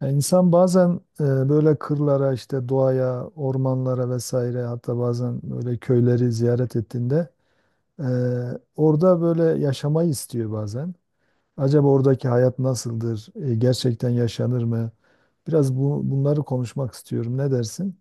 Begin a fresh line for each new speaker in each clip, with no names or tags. Yani insan bazen böyle kırlara işte doğaya, ormanlara vesaire, hatta bazen böyle köyleri ziyaret ettiğinde e, orada böyle yaşamayı istiyor bazen. Acaba oradaki hayat nasıldır? E, gerçekten yaşanır mı? Biraz bu, bunları konuşmak istiyorum. Ne dersin?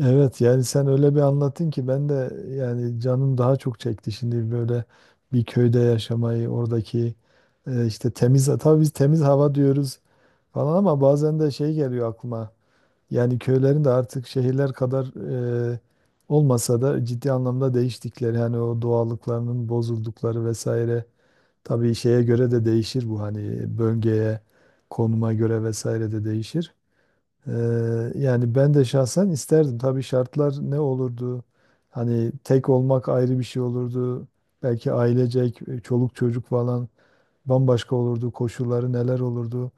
Evet, yani sen öyle bir anlattın ki ben de yani canım daha çok çekti şimdi böyle bir köyde yaşamayı. Oradaki işte temiz, tabii biz temiz hava diyoruz falan, ama bazen de şey geliyor aklıma. Yani köylerin de artık şehirler kadar e, olmasa da ciddi anlamda değiştikleri, hani o doğallıklarının bozuldukları vesaire. Tabii şeye göre de değişir bu, hani bölgeye, konuma göre vesaire de değişir. E, yani ben de şahsen isterdim. Tabii şartlar ne olurdu? Hani tek olmak ayrı bir şey olurdu. Belki ailecek, çoluk çocuk falan bambaşka olurdu. Koşulları neler olurdu?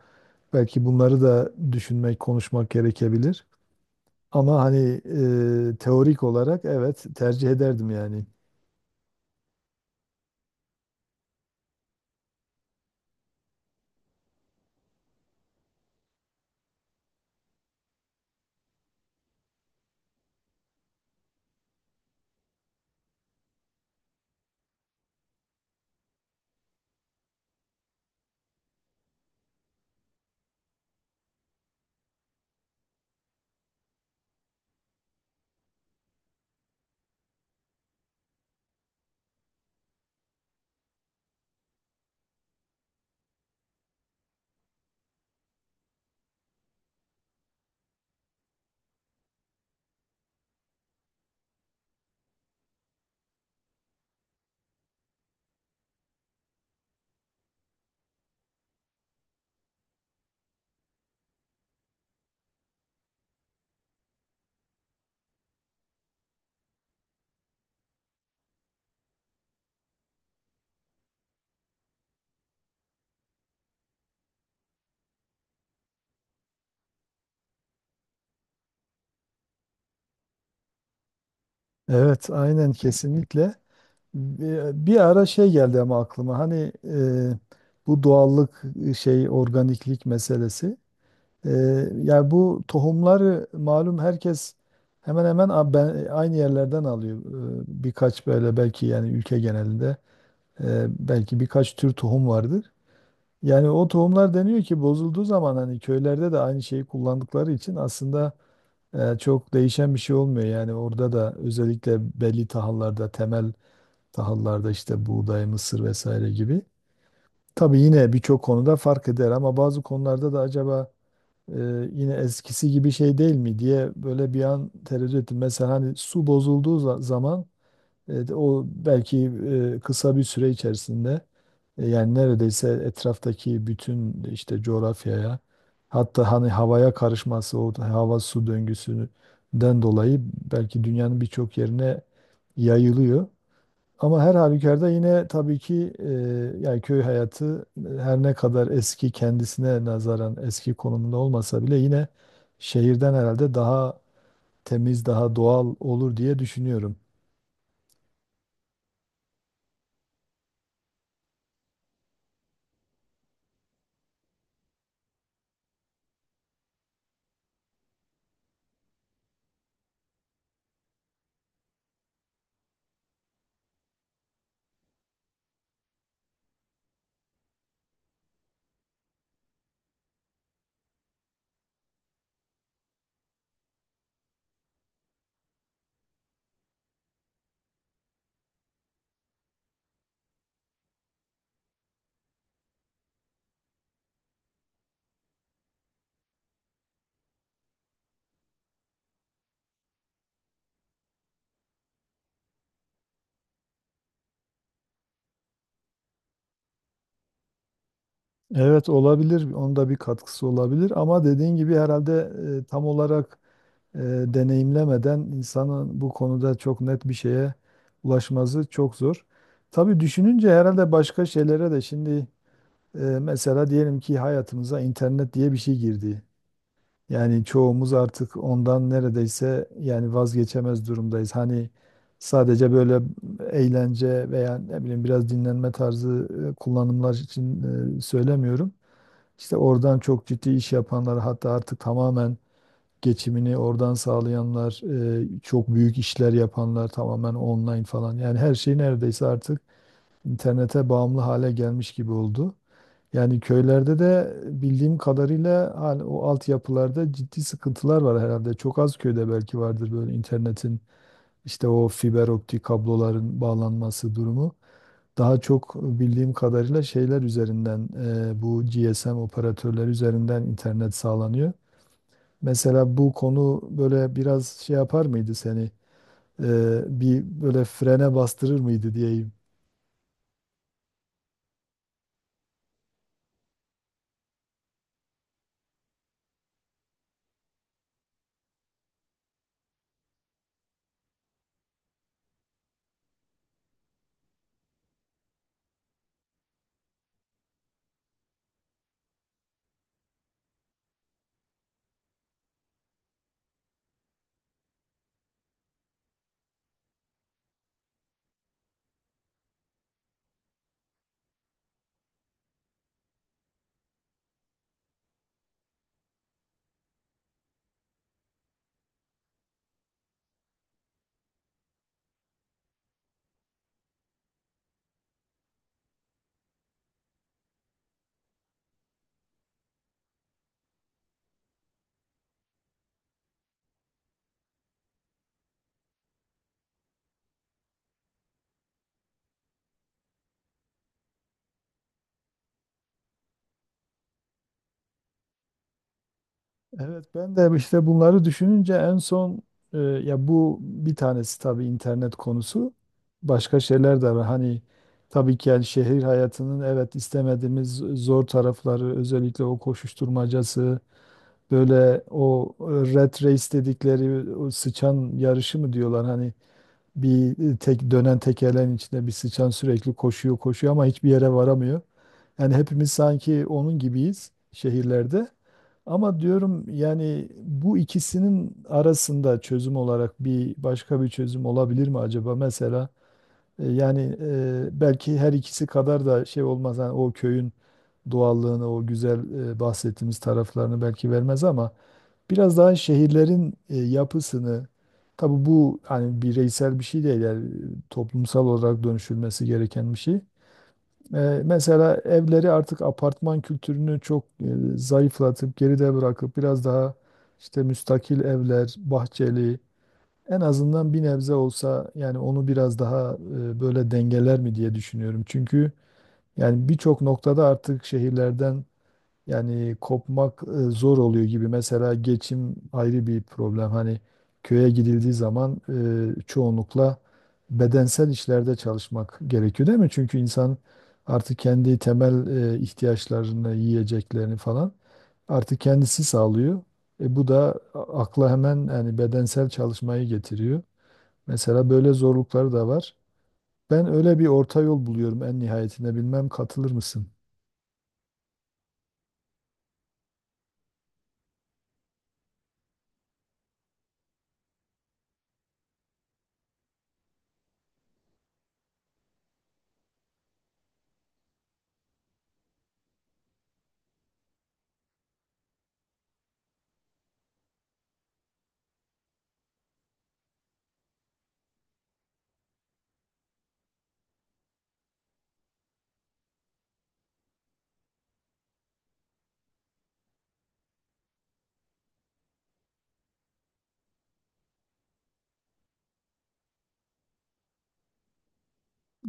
Belki bunları da düşünmek, konuşmak gerekebilir. Ama hani teorik olarak evet, tercih ederdim yani. Evet, aynen, kesinlikle. Bir ara şey geldi ama aklıma, hani bu doğallık, şey, organiklik meselesi. E, yani bu tohumları malum herkes hemen hemen aynı yerlerden alıyor. E, birkaç böyle, belki yani ülke genelinde belki birkaç tür tohum vardır. Yani o tohumlar, deniyor ki bozulduğu zaman, hani köylerde de aynı şeyi kullandıkları için aslında E, çok değişen bir şey olmuyor. Yani orada da özellikle belli tahıllarda, temel tahıllarda, işte buğday, mısır vesaire gibi. Tabii yine birçok konuda fark eder, ama bazı konularda da acaba e, yine eskisi gibi şey değil mi diye böyle bir an tereddüt ettim. Mesela hani su bozulduğu zaman o belki kısa bir süre içerisinde, yani neredeyse etraftaki bütün işte coğrafyaya, hatta hani havaya karışması, o hava su döngüsünden dolayı belki dünyanın birçok yerine yayılıyor. Ama her halükarda yine tabii ki yani köy hayatı, her ne kadar eski kendisine nazaran eski konumunda olmasa bile, yine şehirden herhalde daha temiz, daha doğal olur diye düşünüyorum. Evet, olabilir. Onda bir katkısı olabilir, ama dediğin gibi herhalde tam olarak e, deneyimlemeden insanın bu konuda çok net bir şeye ulaşması çok zor. Tabii düşününce herhalde başka şeylere de şimdi, mesela diyelim ki hayatımıza internet diye bir şey girdi. Yani çoğumuz artık ondan neredeyse yani vazgeçemez durumdayız. Hani sadece böyle eğlence veya ne bileyim biraz dinlenme tarzı kullanımlar için söylemiyorum. İşte oradan çok ciddi iş yapanlar, hatta artık tamamen geçimini oradan sağlayanlar, çok büyük işler yapanlar tamamen online falan. Yani her şey neredeyse artık internete bağımlı hale gelmiş gibi oldu. Yani köylerde de bildiğim kadarıyla hani o altyapılarda ciddi sıkıntılar var herhalde. Çok az köyde belki vardır böyle internetin işte o fiber optik kabloların bağlanması durumu. Daha çok bildiğim kadarıyla şeyler üzerinden, bu GSM operatörleri üzerinden internet sağlanıyor. Mesela bu konu böyle biraz şey yapar mıydı seni? E, bir böyle frene bastırır mıydı diyeyim. Evet, ben de işte bunları düşününce en son ya bu bir tanesi tabii internet konusu. Başka şeyler de var. Hani tabii ki yani şehir hayatının, evet, istemediğimiz zor tarafları, özellikle o koşuşturmacası. Böyle o rat race dedikleri o sıçan yarışı mı diyorlar hani, bir tek dönen tekerleğin içinde bir sıçan sürekli koşuyor koşuyor ama hiçbir yere varamıyor. Yani hepimiz sanki onun gibiyiz şehirlerde. Ama diyorum yani bu ikisinin arasında çözüm olarak bir başka bir çözüm olabilir mi acaba? Mesela yani, belki her ikisi kadar da şey olmaz, hani o köyün doğallığını, o güzel bahsettiğimiz taraflarını belki vermez ama biraz daha şehirlerin yapısını, tabii bu hani bireysel bir şey değil, yani toplumsal olarak dönüşülmesi gereken bir şey. E, mesela evleri, artık apartman kültürünü çok zayıflatıp geride bırakıp biraz daha işte müstakil evler, bahçeli, en azından bir nebze olsa yani onu biraz daha böyle dengeler mi diye düşünüyorum. Çünkü yani birçok noktada artık şehirlerden yani kopmak zor oluyor gibi. Mesela geçim ayrı bir problem. Hani köye gidildiği zaman çoğunlukla bedensel işlerde çalışmak gerekiyor değil mi? Çünkü insan artık kendi temel ihtiyaçlarını, yiyeceklerini falan artık kendisi sağlıyor. E, bu da akla hemen yani bedensel çalışmayı getiriyor. Mesela böyle zorlukları da var. Ben öyle bir orta yol buluyorum en nihayetinde. Bilmem katılır mısın?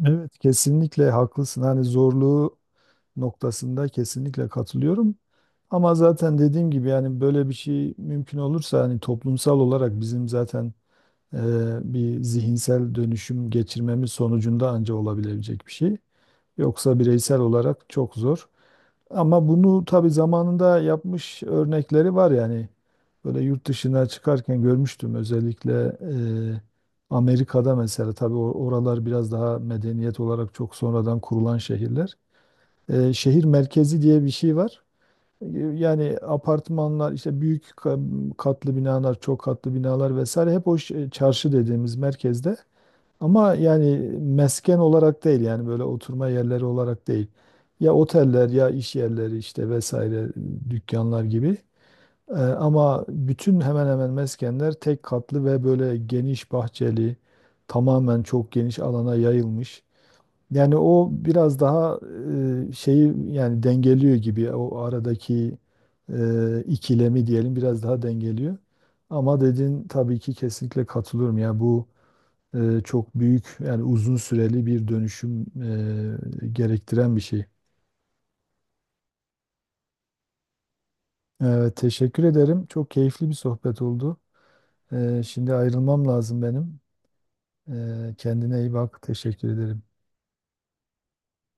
Evet. Kesinlikle haklısın. Hani zorluğu noktasında kesinlikle katılıyorum. Ama zaten dediğim gibi yani böyle bir şey mümkün olursa hani toplumsal olarak bizim zaten e, bir zihinsel dönüşüm geçirmemiz sonucunda anca olabilecek bir şey. Yoksa bireysel olarak çok zor. Ama bunu tabii zamanında yapmış örnekleri var yani. Böyle yurt dışına çıkarken görmüştüm özellikle e, Amerika'da mesela, tabii oralar biraz daha medeniyet olarak çok sonradan kurulan şehirler. E, şehir merkezi diye bir şey var. E, yani apartmanlar, işte büyük katlı binalar, çok katlı binalar vesaire hep o çarşı dediğimiz merkezde, ama yani mesken olarak değil, yani böyle oturma yerleri olarak değil. Ya oteller, ya iş yerleri işte vesaire, dükkanlar gibi. Ama bütün hemen hemen meskenler tek katlı ve böyle geniş bahçeli, tamamen çok geniş alana yayılmış. Yani o biraz daha şeyi, yani dengeliyor gibi o aradaki ikilemi, diyelim, biraz daha dengeliyor. Ama dediğin, tabii ki kesinlikle katılıyorum ya, bu çok büyük, yani uzun süreli bir dönüşüm gerektiren bir şey. Evet, teşekkür ederim. Çok keyifli bir sohbet oldu. E, şimdi ayrılmam lazım benim. E, kendine iyi bak. Teşekkür ederim.